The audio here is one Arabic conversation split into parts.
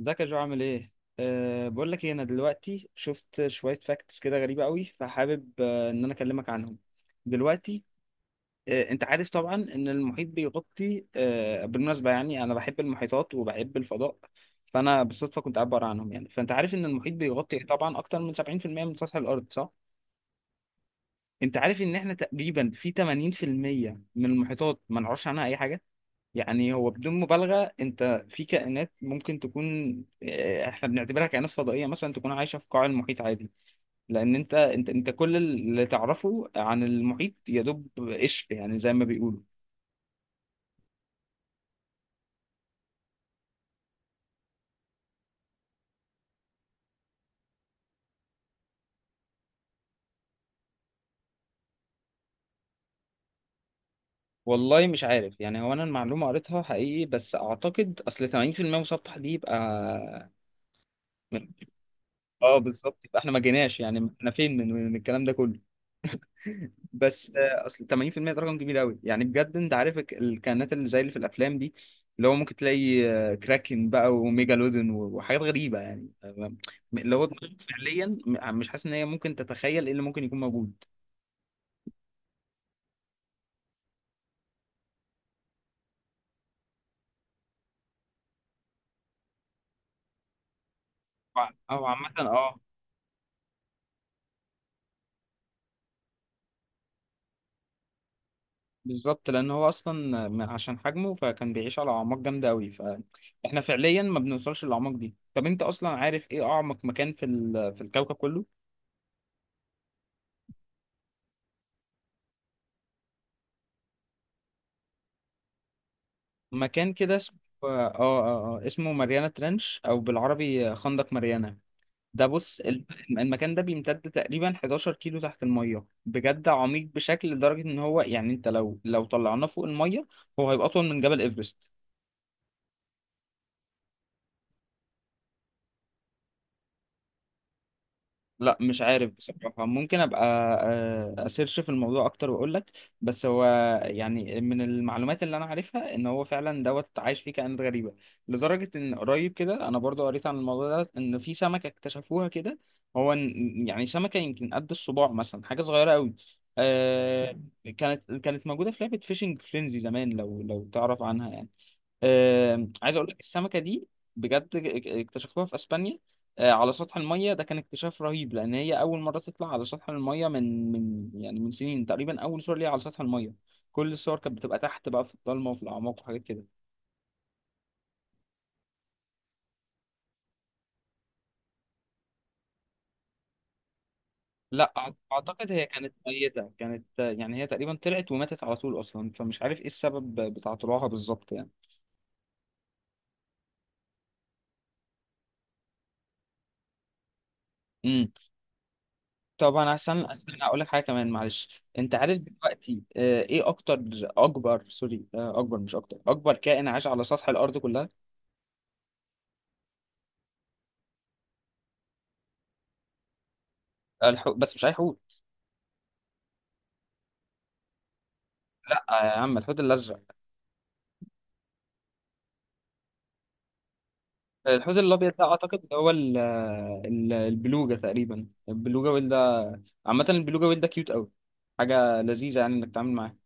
ازيك يا جو، عامل ايه؟ بقول لك ايه، انا دلوقتي شفت شويه فاكتس كده غريبه قوي، فحابب انا اكلمك عنهم دلوقتي. انت عارف طبعا ان المحيط بيغطي، بالمناسبه يعني انا بحب المحيطات وبحب الفضاء، فانا بالصدفه كنت قاعد بقرا عنهم يعني. فانت عارف ان المحيط بيغطي طبعا اكتر من 70% من سطح الارض، صح؟ انت عارف ان احنا تقريبا في 80% من المحيطات ما نعرفش عنها اي حاجه. يعني هو بدون مبالغة انت في كائنات ممكن تكون، اه، احنا بنعتبرها كائنات فضائية، مثلا تكون عايشة في قاع المحيط عادي. لان انت كل اللي تعرفه عن المحيط يدوب قشر، يعني زي ما بيقولوا. والله مش عارف، يعني هو انا المعلومة قريتها حقيقي، بس اعتقد اصل 80% مسطح دي يبقى من- اه بالظبط، يبقى احنا ما جيناش، يعني احنا فين من الكلام ده كله. بس اصل 80% ده رقم كبير قوي يعني بجد. انت عارف الكائنات اللي زي اللي في الافلام دي، اللي هو ممكن تلاقي، كراكن بقى وميجالودون وحاجات غريبه يعني. اللي هو دماغك فعليا مش حاسس ان هي ممكن تتخيل ايه اللي ممكن يكون موجود. او عامه اه. بالظبط، لان هو اصلا عشان حجمه فكان بيعيش على اعماق جامده قوي، فاحنا فعليا ما بنوصلش للاعماق دي. طب انت اصلا عارف ايه اعمق مكان في الكوكب كله؟ مكان كده اسمه اسمه ماريانا ترنش، او بالعربي خندق ماريانا. ده بص المكان ده بيمتد تقريبا 11 كيلو تحت المية، بجد عميق بشكل، لدرجة ان هو يعني انت لو طلعناه فوق المية هو هيبقى اطول من جبل ايفرست. لا مش عارف بصراحة، ممكن أبقى أسيرش في الموضوع أكتر وأقول لك. بس هو يعني من المعلومات اللي أنا عارفها إن هو فعلا دوت عايش فيه كائنات غريبة، لدرجة إن قريب كده أنا برضو قريت عن الموضوع ده، إن في سمكة اكتشفوها كده. هو يعني سمكة يمكن قد الصباع مثلا، حاجة صغيرة أوي. آه، كانت موجودة في لعبة فيشنج فرينزي زمان، لو تعرف عنها يعني. عايز اقول لك السمكه دي بجد اكتشفوها في اسبانيا، على سطح الميه. ده كان اكتشاف رهيب، لان هي اول مره تطلع على سطح الميه من يعني من سنين تقريبا، اول صور ليها على سطح الميه. كل الصور كانت بتبقى تحت بقى، في الضلمه وفي الاعماق وحاجات كده. لا اعتقد هي كانت ميته، كانت آه، يعني هي تقريبا طلعت وماتت على طول اصلا، فمش عارف ايه السبب بتاع طلوعها بالظبط يعني. امم طبعا احسن. استنى اقول لك حاجه كمان، معلش. انت عارف دلوقتي ايه اكتر اكبر سوري، اكبر مش اكتر، اكبر كائن عاش على سطح الارض كلها؟ الحوت، بس مش اي حوت. لا يا عم، الحوت الازرق. الحوت الابيض ده اعتقد هو البلوجه تقريبا، البلوجه ويل ده. عامه البلوجه ويل ده كيوت قوي، حاجه لذيذه يعني انك تتعامل معاه.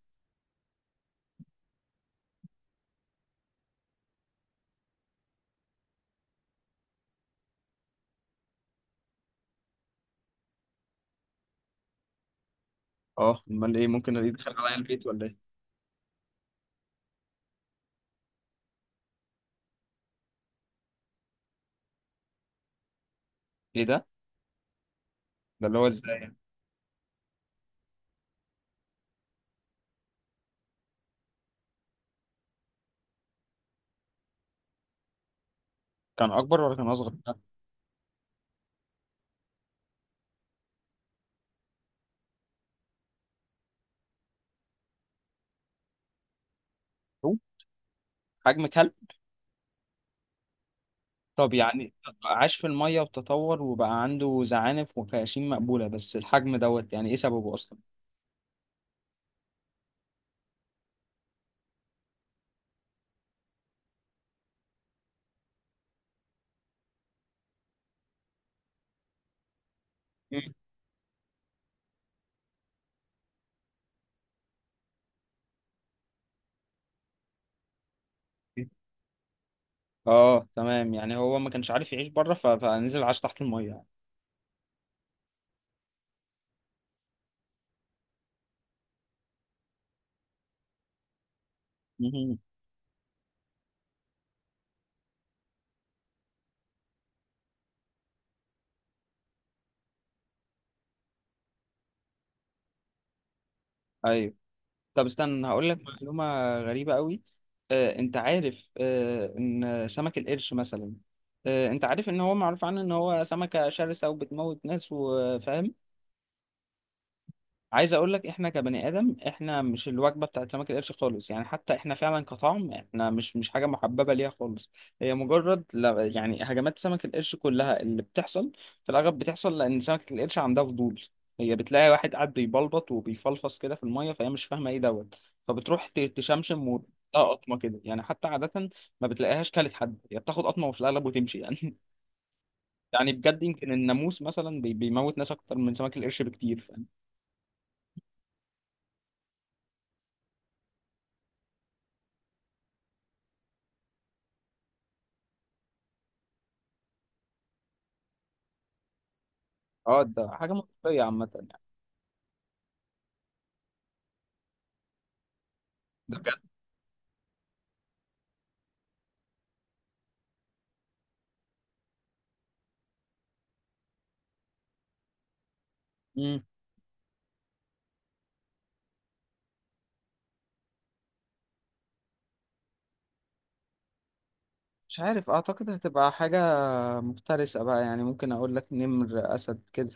اه امال ايه، ممكن يدخل عليا البيت ولا ايه؟ ايه ده، ده اللي هو ازاي يعني؟ كان اكبر ولا كان اصغر؟ حجم كلب؟ طب يعني عاش في المية وتطور وبقى عنده زعانف وخياشيم مقبولة، بس الحجم دوت يعني ايه سببه اصلا؟ مم. اه تمام، يعني هو ما كانش عارف يعيش بره فنزل عاش تحت المية يعني. مهم. ايوه. طب استنى هقول لك معلومة غريبة قوي. انت عارف ان سمك القرش مثلا، انت عارف ان هو معروف عنه ان هو سمكة شرسة وبتموت ناس وفاهم. عايز اقول لك احنا كبني ادم احنا مش الوجبه بتاعت سمك القرش خالص، يعني حتى احنا فعلا كطعم احنا مش حاجه محببه ليها خالص. هي مجرد لا، يعني هجمات سمك القرش كلها اللي بتحصل، في الاغلب بتحصل لان سمكه القرش عندها فضول. هي بتلاقي واحد قاعد بيبلبط وبيفلفص كده في الميه، فهي مش فاهمه ايه دوت، فبتروح تشمشم وتلاقي قطمه كده يعني. حتى عاده ما بتلاقيهاش كلت حد، هي بتاخد قطمه وفي الاغلب وتمشي يعني. يعني بجد يمكن الناموس مثلا بيموت ناس اكتر من سمك القرش بكتير. اه ده حاجة منطقية عامة يعني. مم. مش عارف، أعتقد هتبقى حاجة مفترسة بقى، يعني ممكن أقول لك نمر، أسد كده.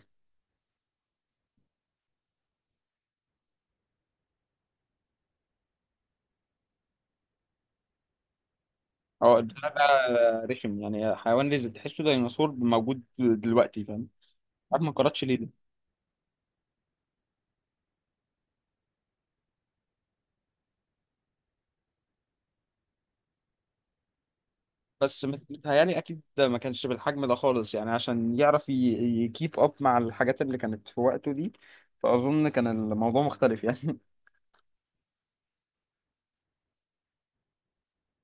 أو ده بقى رخم، يعني حيوان رزق تحسه ديناصور موجود دلوقتي، فاهم؟ عارف ما قراتش ليه ده. بس متهيألي أكيد ده ما كانش بالحجم ده خالص، يعني عشان يعرف يكيب أب مع الحاجات اللي كانت في وقته دي. فأظن كان الموضوع مختلف يعني.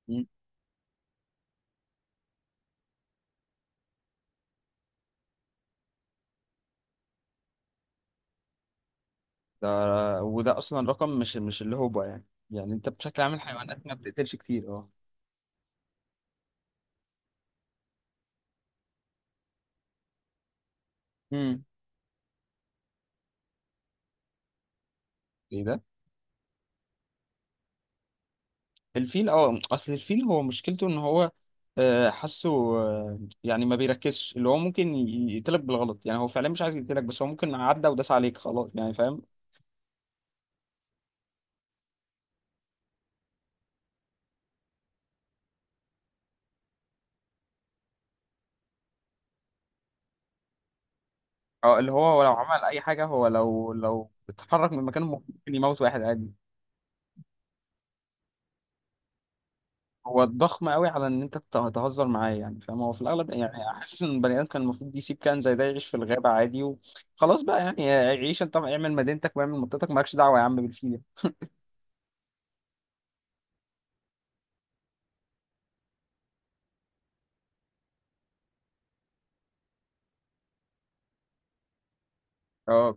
مم. ده وده أصلا رقم مش اللي هو بقى يعني. يعني أنت بشكل عام الحيوانات ما بتقتلش كتير. أه. ايه ده؟ الفيل. اه، اصل الفيل هو مشكلته ان هو، حاسه، يعني ما بيركزش، اللي هو ممكن يقتلك بالغلط، يعني هو فعلا مش عايز يقتلك، بس هو ممكن عدى وداس عليك خلاص يعني، فاهم؟ اه اللي هو لو عمل اي حاجه، هو لو اتحرك من مكانه ممكن يموت واحد عادي. هو ضخم قوي على ان انت تهزر معاه يعني، فاهم؟ هو في الاغلب يعني حاسس ان البني ادم كان المفروض يسيب كائن زي ده يعيش في الغابه عادي، وخلاص بقى يعني. عيش انت، اعمل مدينتك واعمل منطقتك، مالكش دعوه يا عم بالفيل. اه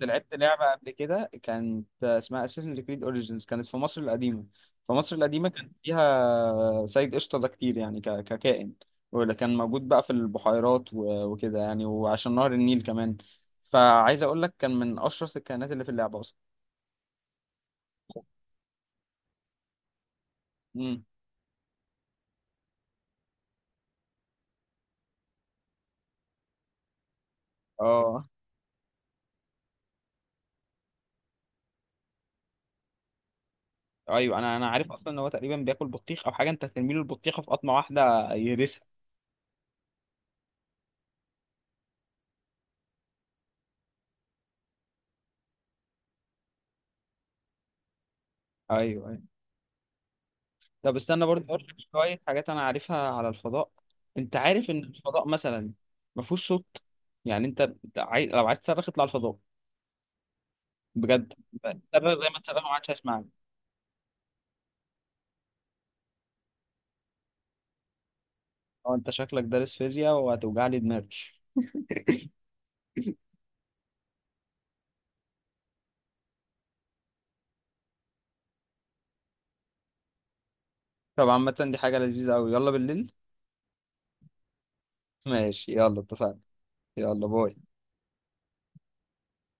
لعبت لعبة قبل كده كانت اسمها Assassin's Creed Origins، كانت في مصر القديمة. في مصر القديمة كان فيها سيد قشطة ده كتير يعني ككائن، ولا كان موجود بقى في البحيرات وكده يعني، وعشان نهر النيل كمان. فعايز اقول لك كان من اشرس الكائنات اللي في اللعبة اصلا. امم اه. ايوه، انا عارف اصلا ان هو تقريبا بياكل بطيخ او حاجة، انت هترمي له البطيخة في قطمة واحدة يهرسها. ايوه. طب استنى برضه اقول لك شويه حاجات انا عارفها على الفضاء. انت عارف ان الفضاء مثلا ما فيهوش صوت، يعني انت أنت لو عايز تصرخ اطلع الفضاء، بجد تصرخ زي ما تصرخ ما حدش هيسمعني. اه انت شكلك دارس فيزياء وهتوجع لي دماغي. طب عامه دي حاجه لذيذه قوي، يلا بالليل. ماشي يلا اتفقنا. يلا باي.